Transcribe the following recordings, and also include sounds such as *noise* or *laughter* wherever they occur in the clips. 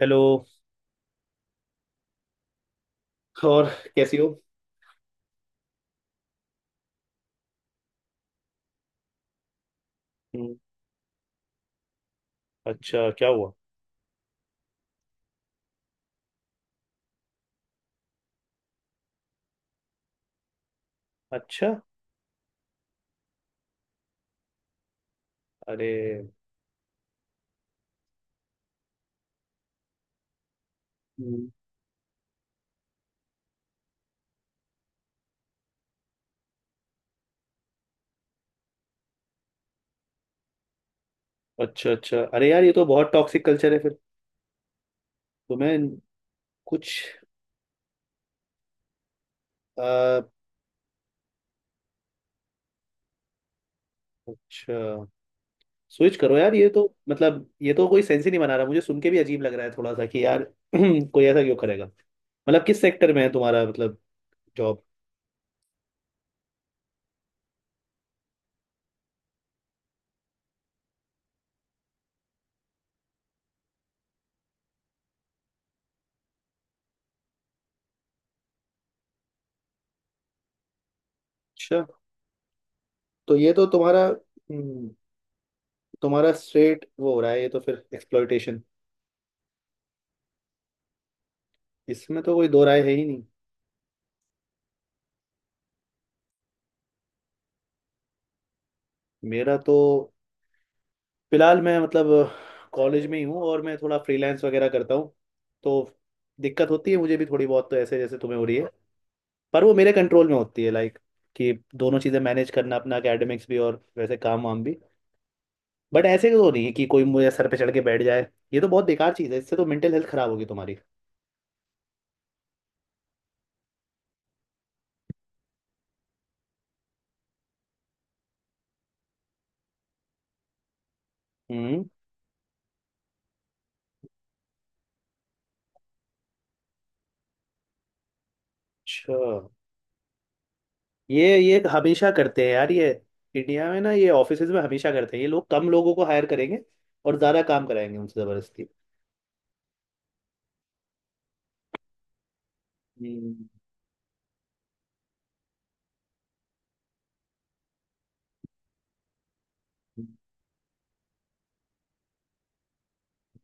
Hello. और कैसी हो? हम्म, अच्छा, क्या हुआ? अच्छा। अरे, हम्म, अच्छा, अच्छा, अरे यार, ये तो बहुत टॉक्सिक कल्चर है फिर। तुम्हें कुछ अ, अच्छा। स्विच करो यार, ये तो मतलब ये तो कोई सेंस ही नहीं बना रहा। मुझे सुन के भी अजीब लग रहा है थोड़ा सा कि यार *clears throat* कोई ऐसा क्यों करेगा? मतलब किस सेक्टर में है तुम्हारा मतलब जॉब? अच्छा। तो ये तो तुम्हारा तुम्हारा स्ट्रेट वो हो रहा है, ये तो फिर एक्सप्लॉयटेशन। इसमें तो कोई दो राय है ही नहीं। मेरा तो फिलहाल मैं मतलब कॉलेज में ही हूँ, और मैं थोड़ा फ्रीलांस वगैरह करता हूँ। तो दिक्कत होती है मुझे भी थोड़ी बहुत, तो ऐसे जैसे तुम्हें हो रही है, पर वो मेरे कंट्रोल में होती है। लाइक कि दोनों चीज़ें मैनेज करना, अपना एकेडमिक्स भी और वैसे काम वाम भी। बट ऐसे तो नहीं है कि कोई मुझे सर पे चढ़ के बैठ जाए। ये तो बहुत बेकार चीज़ है, इससे तो मेंटल हेल्थ खराब होगी तुम्हारी। हम्म। अच्छा। ये हमेशा करते हैं यार, ये इंडिया में ना, ये ऑफिसेज में हमेशा करते हैं ये लोग। कम लोगों को हायर करेंगे और ज़्यादा काम कराएंगे उनसे ज़बरदस्ती। हम्म,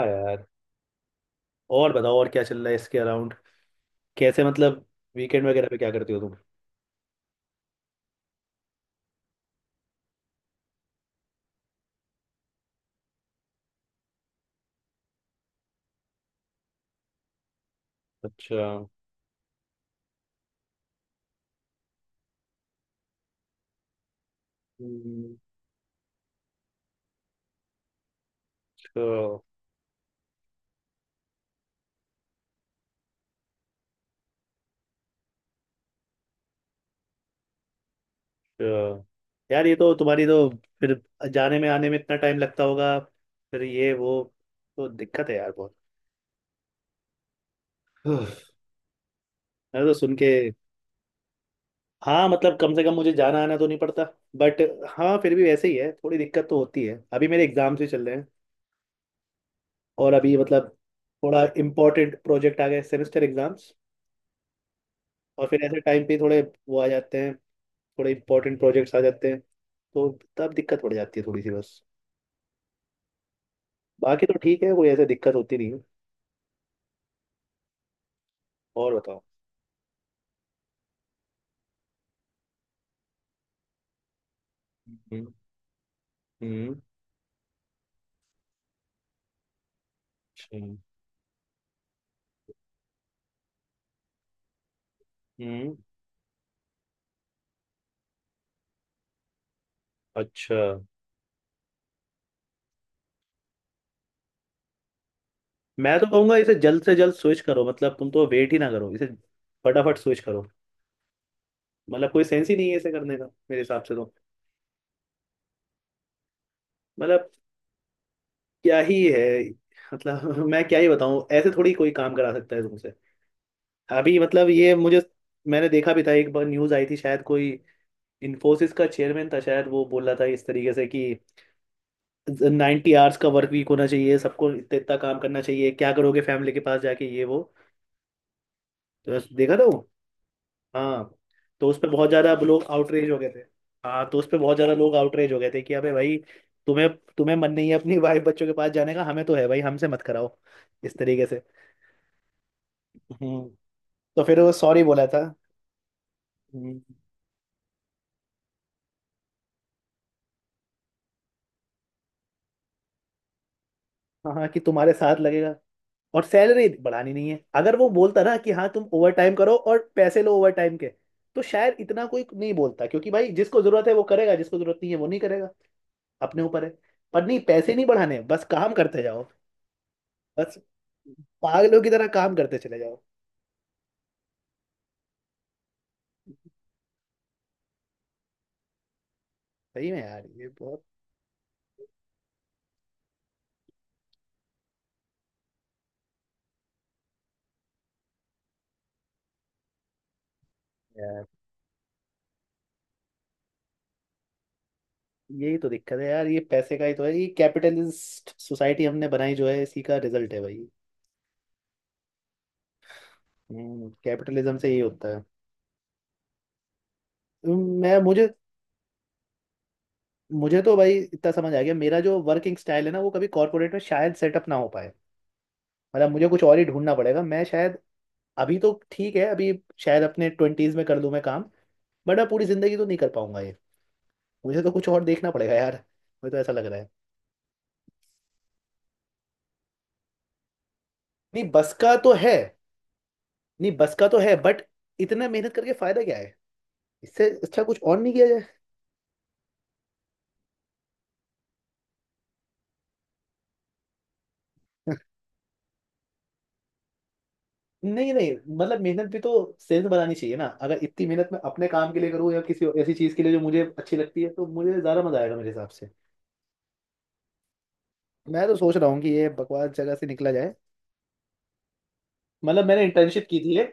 हाँ यार। और बताओ, और क्या चल रहा है इसके अराउंड? कैसे मतलब वीकेंड वगैरह पे क्या करती हो तुम? अच्छा। हम्म, अच्छा। अच्छा। यार, ये तो तुम्हारी तो फिर जाने में आने में इतना टाइम लगता होगा, फिर ये वो, तो दिक्कत है यार बहुत। *sighs* मैंने तो सुन के हाँ, मतलब कम से कम मुझे जाना आना तो नहीं पड़ता। बट हाँ, फिर भी वैसे ही है, थोड़ी दिक्कत तो होती है। अभी मेरे एग्जाम्स भी चल रहे हैं और अभी मतलब थोड़ा इम्पोर्टेंट प्रोजेक्ट आ गए, सेमेस्टर एग्जाम्स। और फिर ऐसे टाइम पे थोड़े वो आ जाते हैं, थोड़े इंपॉर्टेंट प्रोजेक्ट्स आ जाते हैं। तो तब दिक्कत पड़ जाती है थोड़ी सी, बस। बाकी तो ठीक है, कोई ऐसे दिक्कत होती नहीं है। और बताओ। हम्म, हम्म, अच्छा। हम्म, अच्छा। मैं तो कहूंगा इसे जल्द से जल्द स्विच करो। मतलब तुम तो वेट ही ना करो इसे, फटाफट स्विच करो। मतलब कोई सेंस ही नहीं है इसे करने का, मेरे हिसाब से तो। मतलब क्या ही है? मतलब *laughs* मैं क्या ही बताऊं? ऐसे थोड़ी कोई काम करा सकता है तुमसे। अभी मतलब ये मुझे मैंने देखा भी था एक बार, न्यूज आई थी शायद, कोई इन्फोसिस का चेयरमैन था शायद, वो बोल रहा था इस तरीके से कि 90 आवर्स का वर्क वीक होना चाहिए सबको, इतना इतना काम करना चाहिए, क्या करोगे फैमिली के पास जाके ये वो। तो बस देखा था वो। हाँ। तो उस पर बहुत ज़्यादा अब लोग आउटरेज हो गए थे। हाँ, तो उस पर बहुत ज़्यादा लोग आउटरेज हो गए थे कि अबे भाई, तुम्हें तुम्हें मन नहीं है अपनी *laughs* वाइफ बच्चों के पास जाने का, हमें तो है भाई, हमसे मत कराओ इस तरीके से। हम्म। तो फिर वो सॉरी बोला था। हम्म। हाँ हाँ, कि तुम्हारे साथ लगेगा। और सैलरी बढ़ानी नहीं है। अगर वो बोलता ना कि हाँ तुम ओवर टाइम करो और पैसे लो ओवर टाइम के, तो शायद इतना कोई नहीं बोलता, क्योंकि भाई जिसको जरूरत है वो करेगा, जिसको जरूरत नहीं है वो नहीं करेगा, अपने ऊपर है। पर नहीं, पैसे नहीं बढ़ाने, बस काम करते जाओ, बस पागलों की तरह काम करते चले जाओ। सही में यार, ये बहुत यार, यही तो दिक्कत है यार। ये पैसे का ही तो है, ये कैपिटलिस्ट सोसाइटी हमने बनाई जो है, इसी का रिजल्ट है भाई। हम्म, कैपिटलिज्म से यही होता है। मैं मुझे मुझे तो भाई इतना समझ आ गया, मेरा जो वर्किंग स्टाइल है ना, वो कभी कॉर्पोरेट में शायद सेटअप ना हो पाए। मतलब मुझे कुछ और ही ढूंढना पड़ेगा। मैं शायद, अभी तो ठीक है, अभी शायद अपने ट्वेंटीज में कर लूँ मैं काम, बट अब पूरी जिंदगी तो नहीं कर पाऊंगा ये। मुझे तो कुछ और देखना पड़ेगा यार, मुझे तो ऐसा लग रहा है। नहीं, बस का तो है। नहीं बस का तो है, बट इतना मेहनत करके फायदा क्या है? इससे अच्छा कुछ और नहीं किया जाए? *laughs* नहीं नहीं, मतलब मेहनत भी तो सेंस बनानी चाहिए ना। अगर इतनी मेहनत मैं अपने काम के लिए करूँ या किसी ऐसी चीज के लिए जो मुझे अच्छी लगती है, तो मुझे ज्यादा मजा आएगा मेरे हिसाब से। मैं तो सोच रहा हूँ कि ये बकवास जगह से निकला जाए। मतलब मैंने इंटर्नशिप की थी, ये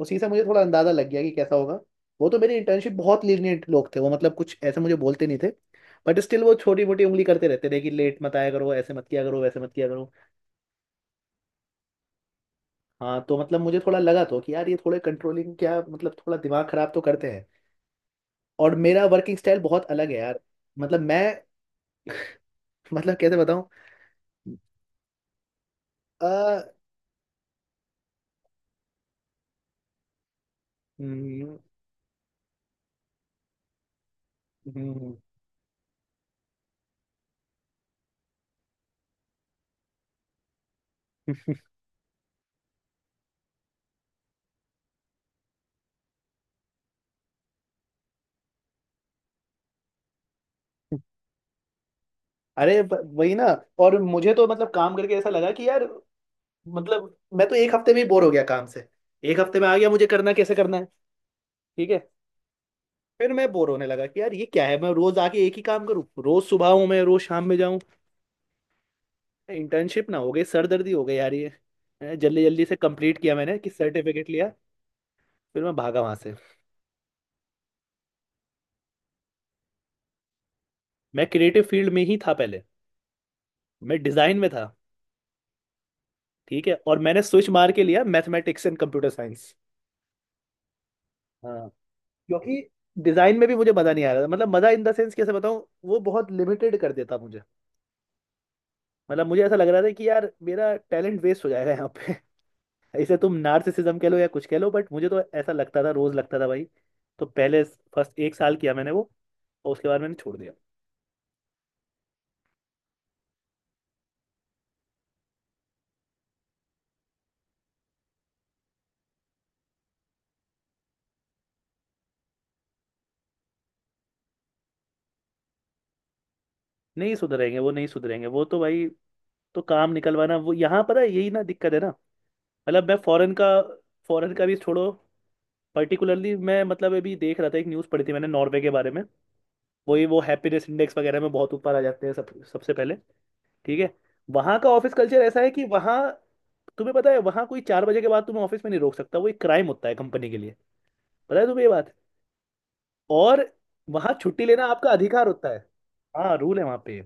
उसी से मुझे थोड़ा अंदाजा लग गया कि कैसा होगा। वो तो मेरी इंटर्नशिप बहुत लीनियंट लोग थे वो, मतलब कुछ ऐसे मुझे बोलते नहीं थे, बट स्टिल वो छोटी मोटी उंगली करते रहते थे कि लेट मत आया करो, ऐसे मत किया करो, वैसे मत किया करो। हाँ, तो मतलब मुझे थोड़ा लगा तो कि यार ये थोड़े कंट्रोलिंग, क्या मतलब, थोड़ा दिमाग खराब तो करते हैं। और मेरा वर्किंग स्टाइल बहुत अलग है यार। मतलब मैं, मतलब कैसे बताऊँ? आ, हम्म, हम्म, *laughs* अरे वही ना। और मुझे तो मतलब काम करके ऐसा लगा कि यार, मतलब मैं तो एक हफ्ते में ही बोर हो गया काम से। एक हफ्ते में आ गया मुझे करना कैसे करना है, ठीक है। फिर मैं बोर होने लगा कि यार ये क्या है, मैं रोज आके एक ही काम करूँ, रोज सुबह हूँ मैं, रोज शाम में जाऊँ। इंटर्नशिप ना हो गई, सरदर्दी हो गई यार ये, जल्दी जल्दी से कंप्लीट किया मैंने कि सर्टिफिकेट लिया, फिर मैं भागा वहां से। मैं क्रिएटिव फील्ड में ही था पहले, मैं डिजाइन में था, ठीक है, और मैंने स्विच मार के लिया मैथमेटिक्स एंड कंप्यूटर साइंस। हाँ। क्योंकि डिजाइन में भी मुझे मजा नहीं आ रहा था, मतलब मजा इन द सेंस कैसे बताऊं, वो बहुत लिमिटेड कर देता मुझे। मतलब मुझे ऐसा लग रहा था कि यार मेरा टैलेंट वेस्ट हो जाएगा यहाँ पे। *laughs* इसे तुम नार्सिसिज्म कह लो या कुछ कह लो, बट मुझे तो ऐसा लगता था, रोज लगता था भाई। तो पहले फर्स्ट एक साल किया मैंने वो, और उसके बाद मैंने छोड़ दिया। नहीं सुधरेंगे वो, नहीं सुधरेंगे वो तो भाई। तो काम निकलवाना, वो यहाँ पता है यही ना दिक्कत है ना। मतलब मैं फॉरेन का, फॉरेन का भी छोड़ो, पर्टिकुलरली मैं मतलब, अभी देख रहा था एक न्यूज़ पढ़ी थी मैंने नॉर्वे के बारे में। वही वो हैप्पीनेस इंडेक्स वगैरह में बहुत ऊपर आ जाते हैं सब, सबसे पहले। ठीक है। वहाँ का ऑफिस कल्चर ऐसा है कि वहाँ तुम्हें पता है वहाँ कोई चार बजे के बाद तुम्हें ऑफिस में नहीं रोक सकता, वो एक क्राइम होता है कंपनी के लिए। पता है तुम्हें ये बात? और वहाँ छुट्टी लेना आपका अधिकार होता है। हाँ, रूल है वहाँ पे।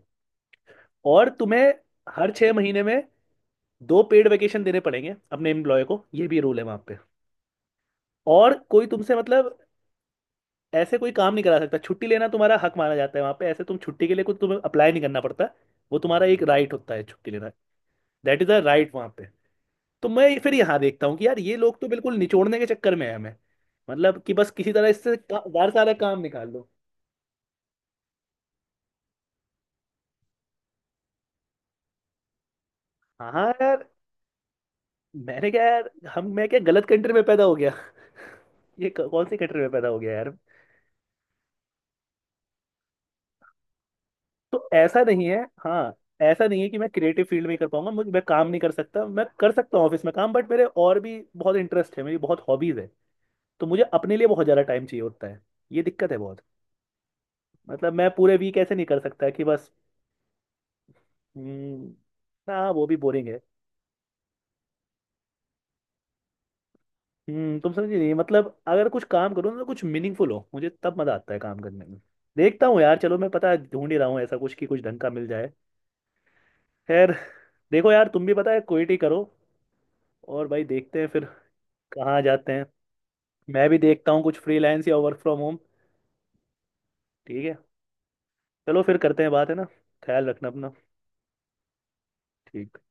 और तुम्हें हर छः महीने में दो पेड वेकेशन देने पड़ेंगे अपने एम्प्लॉय को, ये भी रूल है वहाँ पे। और कोई तुमसे मतलब ऐसे कोई काम नहीं करा सकता। छुट्टी लेना तुम्हारा हक माना जाता है वहाँ पे, ऐसे तुम छुट्टी के लिए कुछ तुम्हें अप्लाई नहीं करना पड़ता, वो तुम्हारा एक राइट होता है, छुट्टी लेना। दैट इज द राइट वहां पे। तो मैं फिर यहाँ देखता हूँ कि यार ये लोग तो बिल्कुल निचोड़ने के चक्कर में है हमें। मतलब कि बस किसी तरह इससे यार सारा काम निकाल लो। हाँ यार, मैंने क्या यार, हम मैं क्या गलत कंट्री में पैदा हो गया। *laughs* ये कौन सी कंट्री में पैदा हो गया यार। तो ऐसा नहीं है, हाँ। ऐसा नहीं है कि मैं क्रिएटिव फील्ड में ही कर पाऊंगा, मुझे मैं काम नहीं कर सकता, मैं कर सकता हूँ ऑफिस में काम, बट मेरे और भी बहुत इंटरेस्ट है, मेरी बहुत हॉबीज है। तो मुझे अपने लिए बहुत ज़्यादा टाइम चाहिए होता है, ये दिक्कत है बहुत। मतलब मैं पूरे वीक ऐसे नहीं कर सकता कि बस। हम्म, हाँ वो भी बोरिंग है। हम्म, तुम समझ नहीं, मतलब अगर कुछ काम करो ना तो कुछ मीनिंगफुल हो, मुझे तब मजा आता है काम करने में। देखता हूँ यार, चलो, मैं पता है ढूंढ ही रहा हूँ ऐसा कुछ कि कुछ ढंग का मिल जाए। खैर, देखो यार तुम भी पता है क्विट ही करो, और भाई देखते हैं फिर कहाँ जाते हैं। मैं भी देखता हूँ कुछ फ्रीलांस या वर्क फ्रॉम होम। ठीक है, चलो फिर करते हैं बात, है ना? ख्याल रखना अपना। ठीक।